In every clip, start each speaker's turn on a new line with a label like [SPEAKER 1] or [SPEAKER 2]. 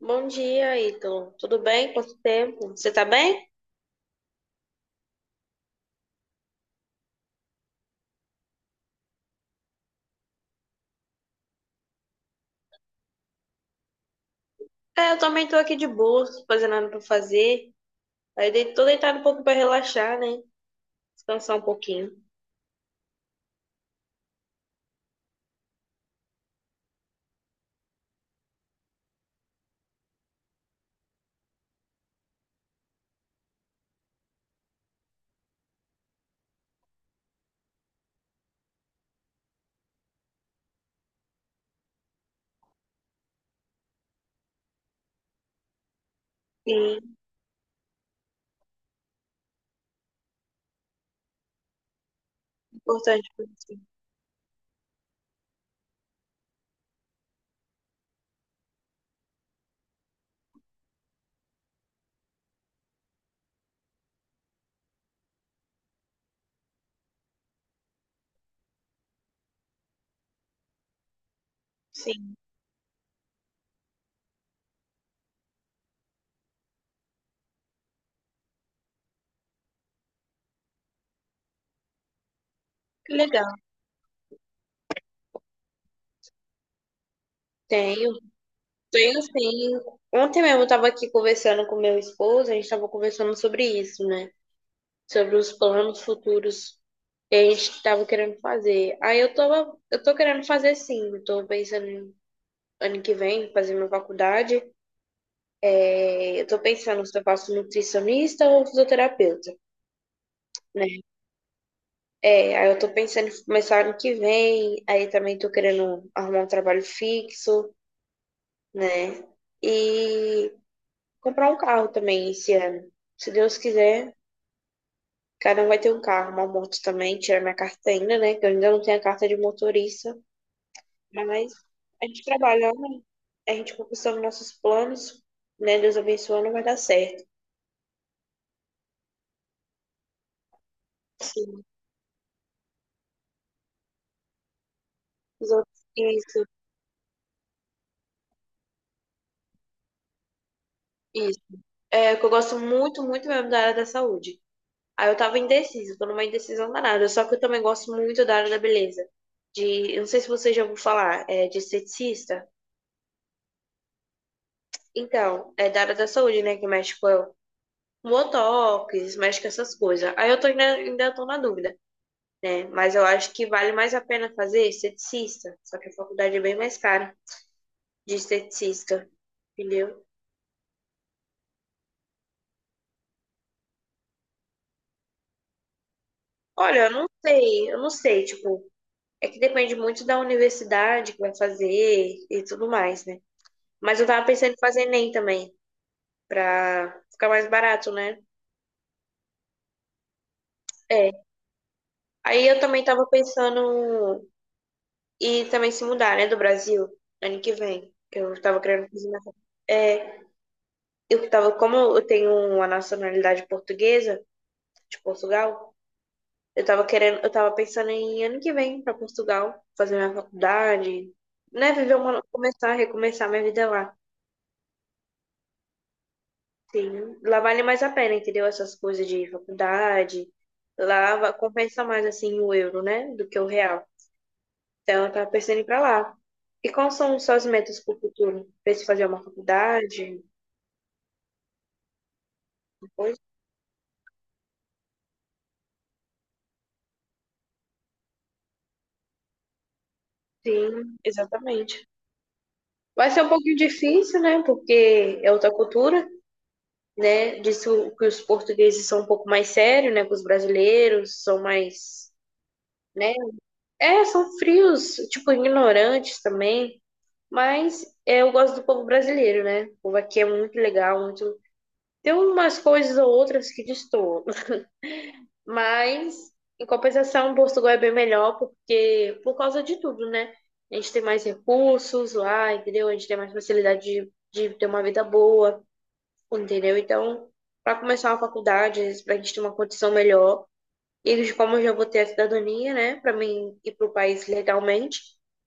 [SPEAKER 1] Bom dia, Ítalo. Tudo bem? Quanto tempo? Você tá bem? É, eu também tô aqui de boa, sem fazer nada pra fazer. Aí dei, tô deitado um pouco pra relaxar, né? Descansar um pouquinho. Sim, importante pra você. Sim, que legal. Tenho, tenho sim. Ontem mesmo eu tava aqui conversando com meu esposo, a gente tava conversando sobre isso, né? Sobre os planos futuros que a gente tava querendo fazer. Aí eu tava, eu tô querendo fazer sim, eu tô pensando em ano que vem, fazer minha faculdade. É, eu tô pensando se eu faço nutricionista ou fisioterapeuta, né? É, aí eu tô pensando em começar ano que vem, aí também tô querendo arrumar um trabalho fixo, né? E comprar um carro também esse ano. Se Deus quiser, cada um vai ter um carro, uma moto também, tirar minha carta ainda, né? Que eu ainda não tenho a carta de motorista, mas a gente trabalhando, a gente conquistando nossos planos, né? Deus abençoando, vai dar certo. Sim. Isso, isso. É, que eu gosto muito, muito mesmo da área da saúde. Aí eu tava indecisa, tô numa indecisão danada. Só que eu também gosto muito da área da beleza. De, eu não sei se você já ouviu falar, é, de esteticista. Então, é da área da saúde, né? Que mexe com botox, mexe com essas coisas. Aí eu tô ainda, ainda tô na dúvida, né? Mas eu acho que vale mais a pena fazer esteticista. Só que a faculdade é bem mais cara de esteticista, entendeu? Olha, eu não sei, tipo. É que depende muito da universidade que vai fazer e tudo mais, né? Mas eu tava pensando em fazer Enem também, pra ficar mais barato, né? É. Aí eu também tava pensando em também se mudar, né, do Brasil, ano que vem. Eu tava querendo fazer minha... É, eu tava, como eu tenho uma nacionalidade portuguesa, de Portugal, eu tava querendo, eu tava pensando em ano que vem pra Portugal, fazer minha faculdade, né, viver uma, começar, recomeçar minha vida lá. Sim, lá vale mais a pena, entendeu? Essas coisas de faculdade, compensa mais assim o euro, né? Do que o real. Então eu tava pensando em ir pra lá. E quais são os seus metas pro futuro? Pensa em fazer uma faculdade? Uma coisa? Sim, exatamente. Vai ser um pouquinho difícil, né? Porque é outra cultura, né? Que os portugueses são um pouco mais sérios, né? Que os brasileiros são mais, né? É, são frios, tipo, ignorantes também. Mas é, eu gosto do povo brasileiro, né? O povo aqui é muito legal, muito. Tem umas coisas ou outras que destoam. Mas, em compensação, Portugal é bem melhor porque por causa de tudo, né? A gente tem mais recursos lá, entendeu? A gente tem mais facilidade de ter uma vida boa, entendeu? Então, para começar uma faculdade, para a gente ter uma condição melhor. E como eu já vou ter a cidadania, né, pra mim ir pro país legalmente,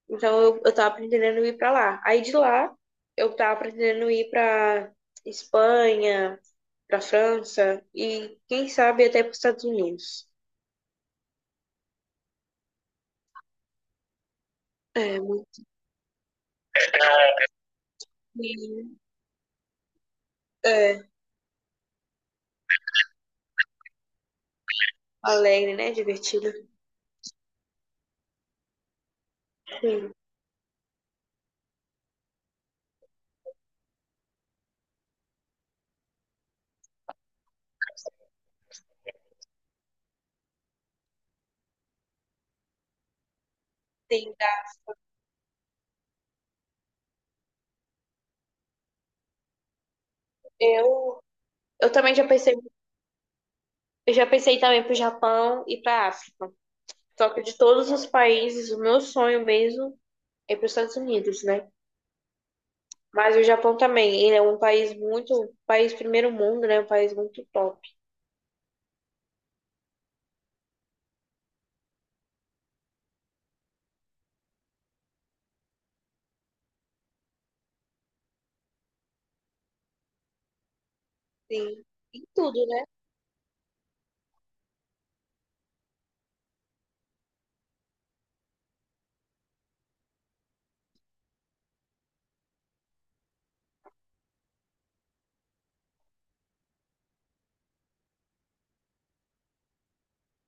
[SPEAKER 1] então eu tava pretendendo ir pra lá. Aí de lá, eu tava pretendendo ir pra Espanha, pra França e quem sabe até pros Estados Unidos. É, muito é, alegre, né, divertido. Sim, sim. Tá. Eu, eu também já pensei, eu já pensei também pro Japão e pra África. Só que de todos os países, o meu sonho mesmo é pros Estados Unidos, né? Mas o Japão também, ele é um país muito, um país primeiro mundo, né? Um país muito top. Sim. Em tudo, né?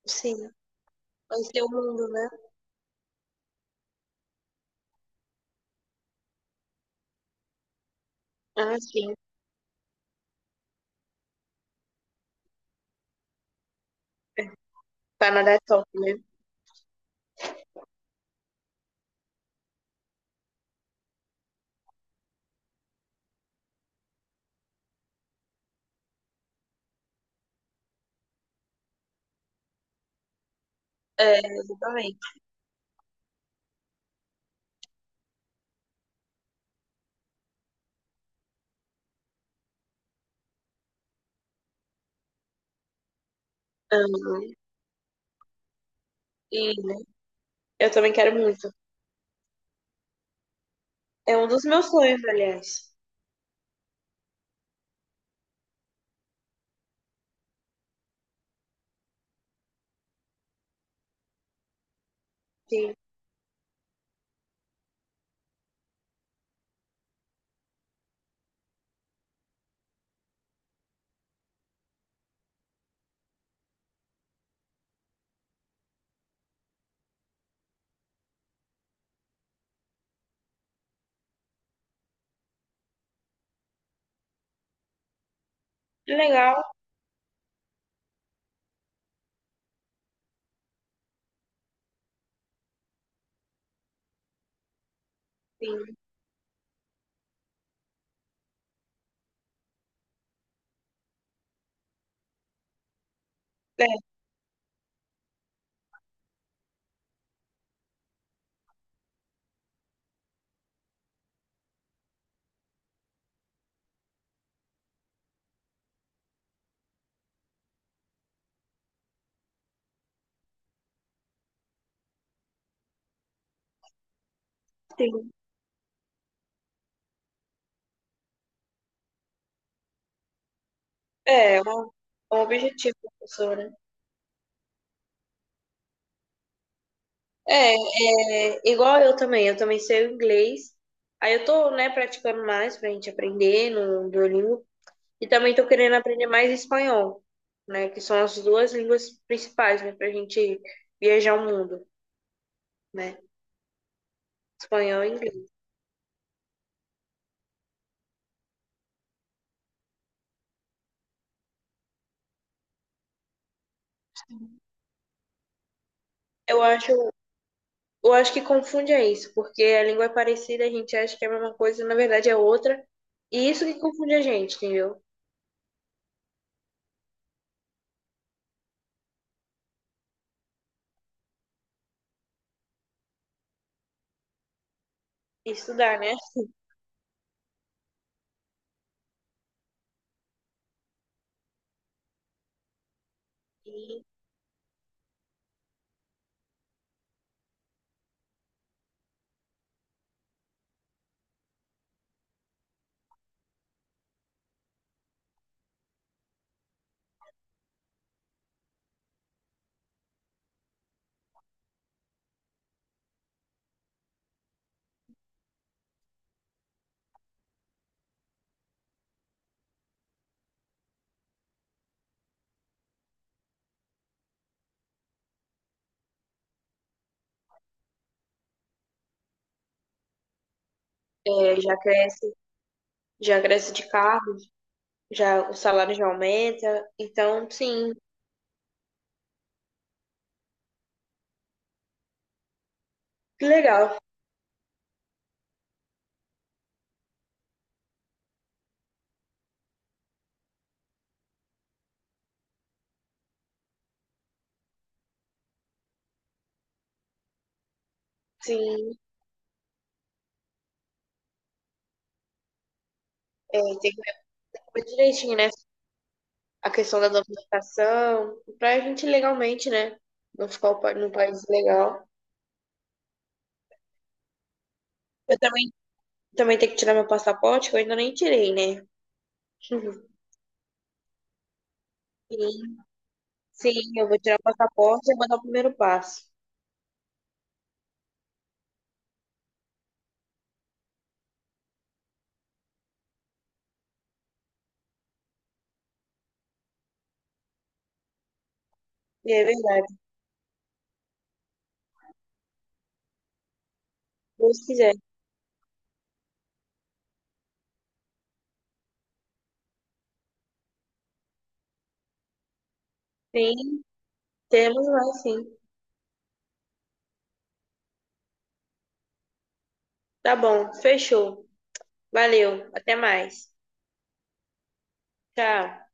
[SPEAKER 1] Sim. Vai ser o mundo, né? Ah, sim. O Canadá é top, né? É, exatamente. Aham. E, né? Eu também quero muito. É um dos meus sonhos, aliás. Sim. Legal, sim. É, sim. É, é um objetivo, professora. É, é, igual eu também. Eu também sei o inglês. Aí eu tô, né, praticando mais pra gente aprender no Duolingo. E também estou querendo aprender mais espanhol, né? Que são as duas línguas principais, né? Pra gente viajar o mundo, né? Espanhol e inglês. Eu acho, eu acho que confunde é isso, porque a língua é parecida, a gente acha que é a mesma coisa, na verdade é outra. E isso que confunde a gente, entendeu? Estudar, né? E, é, já cresce de carro, já o salário já aumenta. Então, sim, que legal. Sim, é, tem que ver direitinho, né? A questão da domesticação, pra gente legalmente, né? Não ficar no país legal. Eu também, também tenho que tirar meu passaporte, que eu ainda nem tirei, né? Sim, sim, eu vou tirar o passaporte e vou dar o primeiro passo. E é verdade, se Deus quiser. Sim, temos lá, sim. Tá bom, fechou. Valeu, até mais. Tchau.